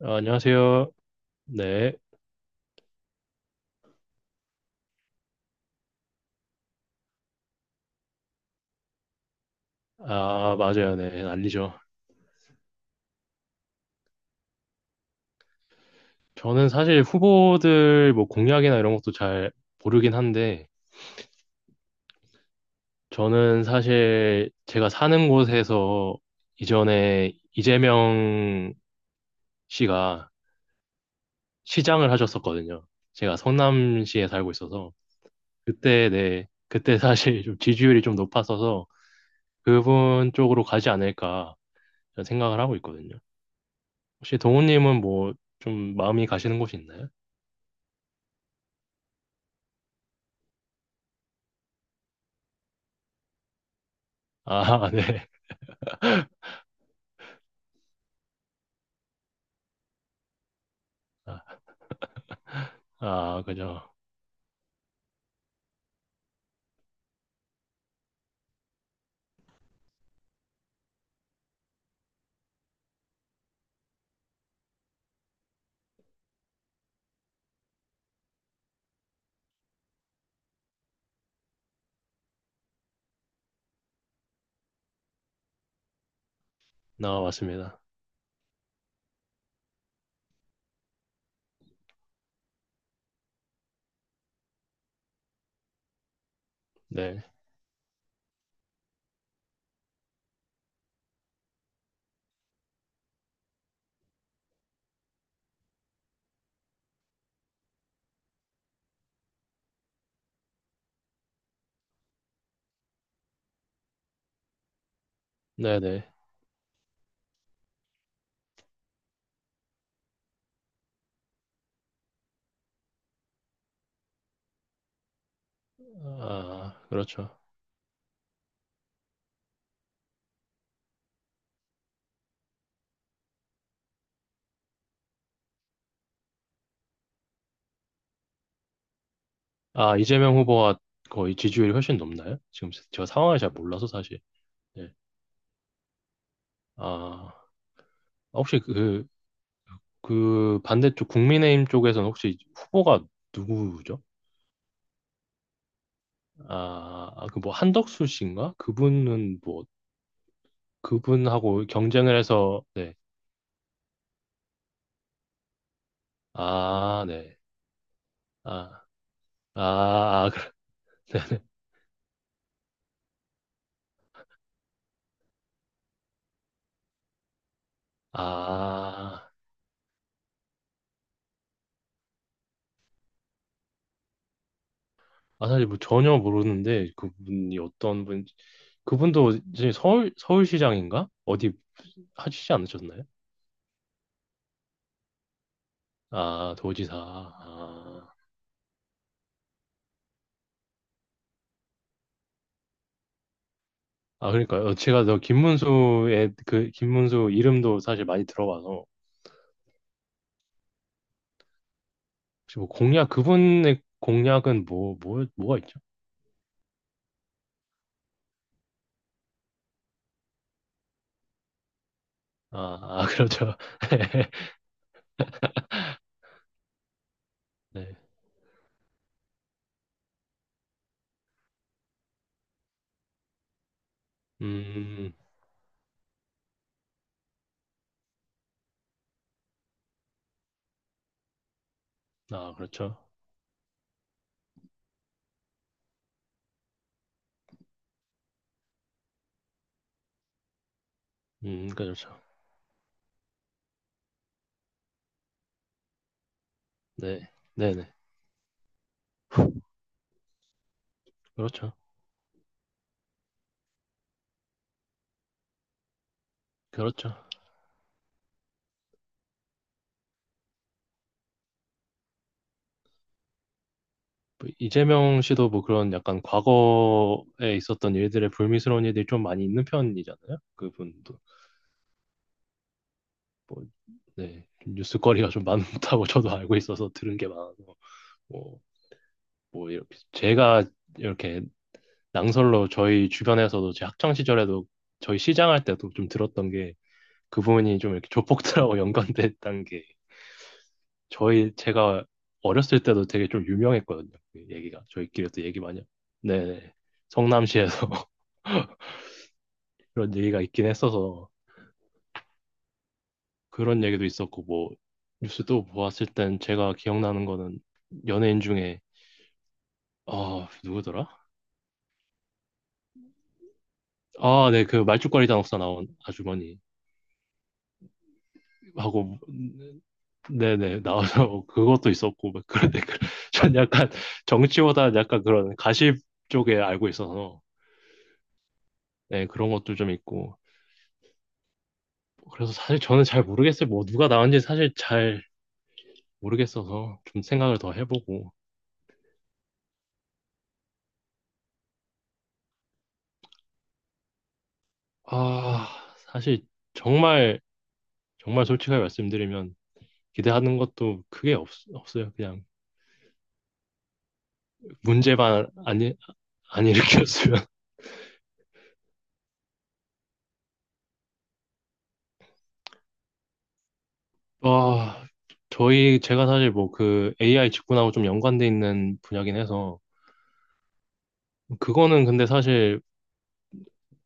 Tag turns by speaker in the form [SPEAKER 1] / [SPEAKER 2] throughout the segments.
[SPEAKER 1] 아, 안녕하세요. 네. 아, 맞아요. 네. 알리죠. 저는 사실 후보들 뭐 공약이나 이런 것도 잘 모르긴 한데, 저는 사실 제가 사는 곳에서 이전에 이재명 씨가 시장을 하셨었거든요. 제가 성남시에 살고 있어서. 그때, 네. 그때 사실 좀 지지율이 좀 높았어서 그분 쪽으로 가지 않을까 저는 생각을 하고 있거든요. 혹시 동훈님은 뭐 좀 마음이 가시는 곳이 있나요? 아, 네. 아, 아, 그죠. 나와봤습니다. 네. 네네. 아, 그렇죠. 아, 이재명 후보가 거의 지지율이 훨씬 높나요? 지금 제가 상황을 잘 몰라서 사실. 네. 아, 혹시 그, 그 반대쪽 국민의힘 쪽에서는 혹시 후보가 누구죠? 아, 아, 그뭐 한덕수 씨인가? 그분은 뭐, 그분하고 경쟁을 해서, 네. 아, 네. 아, 아, 아, 그렇네. 아, 아, 사실 뭐 전혀 모르는데 그분이 어떤 분, 그분도 이제 서울, 서울시장인가? 어디 하시지 않으셨나요? 아, 도지사. 아, 아 그러니까요. 어, 제가 저 김문수의 그, 김문수 이름도 사실 많이 들어봐서 혹시 뭐 공약, 그분의 공약은 뭐, 뭐, 뭐가 있죠? 아, 아, 그렇죠. 네. 음, 아, 그렇죠. 그렇죠. 네. 네네. 그렇죠. 그렇죠. 뭐 이재명 씨도 뭐 그런 약간 과거에 있었던 일들의 불미스러운 일들이 좀 많이 있는 편이잖아요. 그분도 뭐 네, 뉴스거리가 좀 많다고 저도 알고 있어서 들은 게 많아서 뭐, 뭐 이렇게 제가 이렇게 낭설로 저희 주변에서도 제 학창 시절에도 저희 시장 할 때도 좀 들었던 게 그분이 좀 이렇게 조폭들하고 연관됐다는 게 저희 제가 어렸을 때도 되게 좀 유명했거든요. 그 얘기가 저희끼리도 얘기 많이. 네네. 성남시에서 그런 얘기가 있긴 했어서 그런 얘기도 있었고 뭐 뉴스도 보았을 땐 제가 기억나는 거는 연예인 중에 아 누구더라? 아, 네, 그 말죽거리 단옥사 나온 아주머니 하고 네네 나와서 그것도 있었고 막 그런데 전 약간 정치보다 약간 그런 가십 쪽에 알고 있어서 네 그런 것도 좀 있고 그래서 사실 저는 잘 모르겠어요 뭐 누가 나왔는지 사실 잘 모르겠어서 좀 생각을 더 해보고 아 사실 정말 정말 솔직하게 말씀드리면 기대하는 것도 크게 없, 없어요. 그냥 문제만 안, 안 일으켰으면. 와, 저희 제가 사실 뭐 그 AI 직군하고 좀 연관돼 있는 분야긴 해서 그거는 근데 사실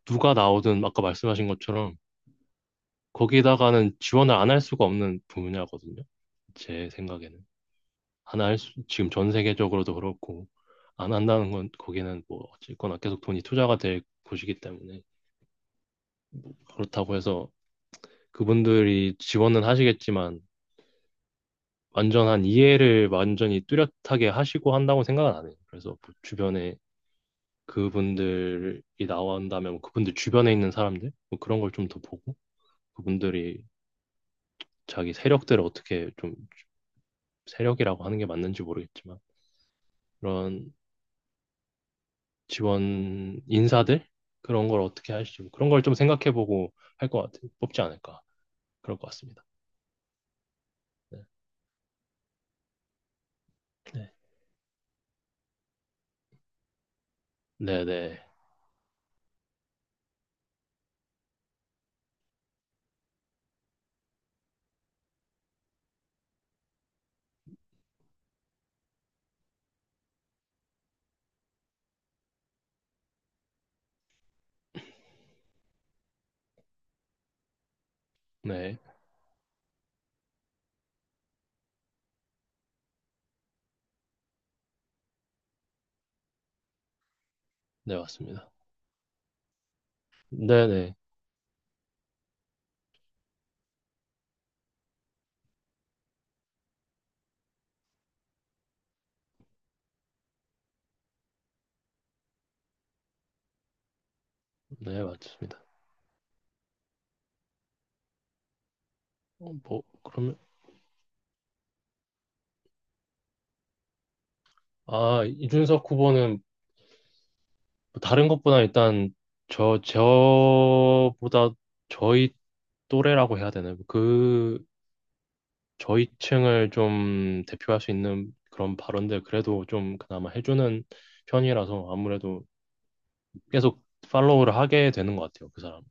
[SPEAKER 1] 누가 나오든 아까 말씀하신 것처럼 거기다가는 지원을 안 할 수가 없는 분야거든요. 제 생각에는 안 할 수, 지금 전 세계적으로도 그렇고 안 한다는 건 거기는 뭐 어쨌거나 계속 돈이 투자가 될 곳이기 때문에 그렇다고 해서 그분들이 지원은 하시겠지만 완전한 이해를 완전히 뚜렷하게 하시고 한다고 생각은 안 해요. 그래서 뭐 주변에 그분들이 나온다면 뭐 그분들 주변에 있는 사람들 뭐 그런 걸 좀 더 보고 그분들이 자기 세력들을 어떻게 좀 세력이라고 하는 게 맞는지 모르겠지만 그런 지원 인사들 그런 걸 어떻게 할지 뭐 그런 걸 좀 생각해보고 할 것 같아요. 뽑지 않을까 그럴 것 같습니다. 네, 네, 네, 네, 네, 맞습니다. 네, 네, 네, 맞습니다. 어, 뭐, 그러면, 아, 이준석 후보는 뭐 다른 것보다 일단 저보다 저희 또래라고 해야 되나요? 뭐 그, 저희 층을 좀 대표할 수 있는 그런 발언들 그래도 좀 그나마 해주는 편이라서 아무래도 계속 팔로우를 하게 되는 것 같아요, 그 사람.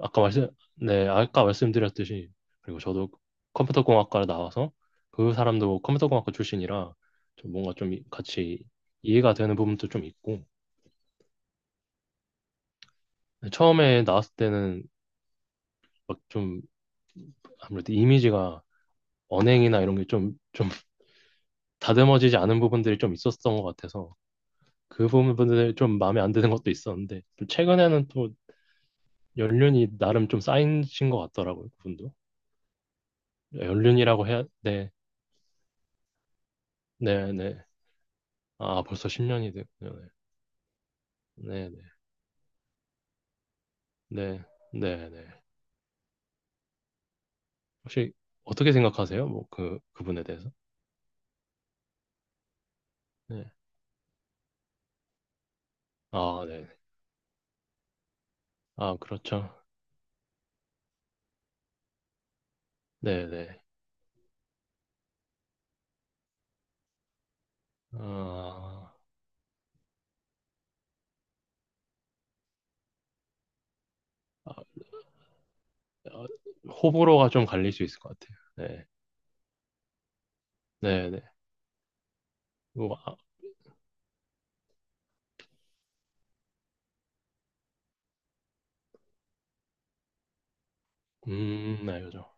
[SPEAKER 1] 아까 말씀, 네, 아까 말씀드렸듯이, 그리고 저도 컴퓨터공학과를 나와서 그 사람도 뭐 컴퓨터공학과 출신이라 좀 뭔가 좀 같이 이해가 되는 부분도 좀 있고, 네, 처음에 나왔을 때는 막 좀 아무래도 이미지가 언행이나 이런 게 좀 다듬어지지 않은 부분들이 좀 있었던 것 같아서 그 부분들이 좀 마음에 안 드는 것도 있었는데 또 최근에는 또 연륜이 나름 좀 쌓이신 것 같더라고요, 그분도. 연륜이라고 해야, 네, 네, 네. 아, 벌써 10년이 됐군요. 네, 네, 네, 네, 네. 네. 혹시 어떻게 생각하세요? 뭐 그, 그분에 대해서? 네. 아, 네. 아, 그렇죠. 네, 네. 아, 어, 호불호가 좀 갈릴 수 있을 것 같아요. 네, 네, 네. 뭐, 아, 알죠.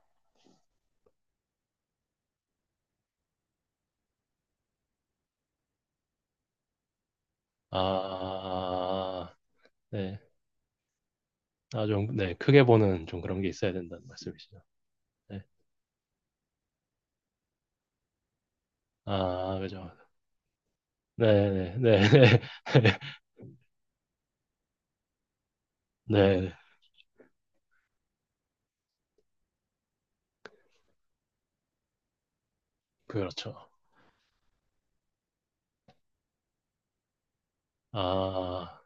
[SPEAKER 1] 아, 네. 아, 좀, 네. 크게 보는 좀 그런 게 있어야 된다는 말씀이시죠. 네. 아, 그죠. 네, 네, 네, 네. 네, 그렇죠. 아,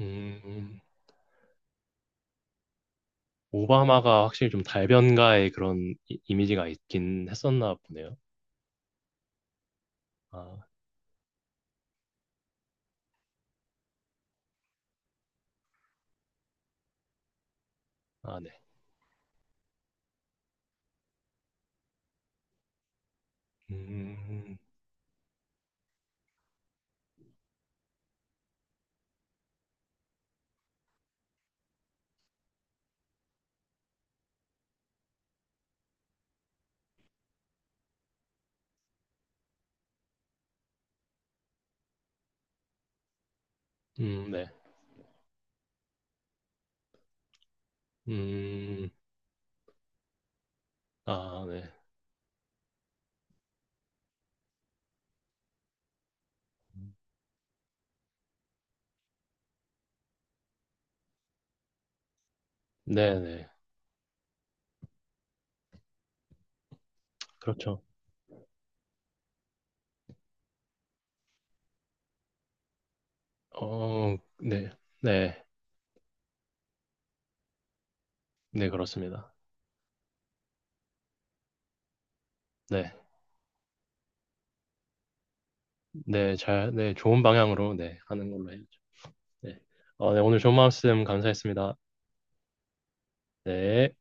[SPEAKER 1] 음, 오바마가 확실히 좀 달변가의 그런 이, 이미지가 있긴 했었나 보네요. 아, 아, 네. 음, 네. 음, 아, 네. 네네. 그렇죠. 어, 네, 네, 네, 그렇습니다. 네, 네, 잘, 네, 좋은 방향으로, 네, 하는 걸로 해야죠. 네. 어, 네, 오늘 좋은 말씀 감사했습니다. 네.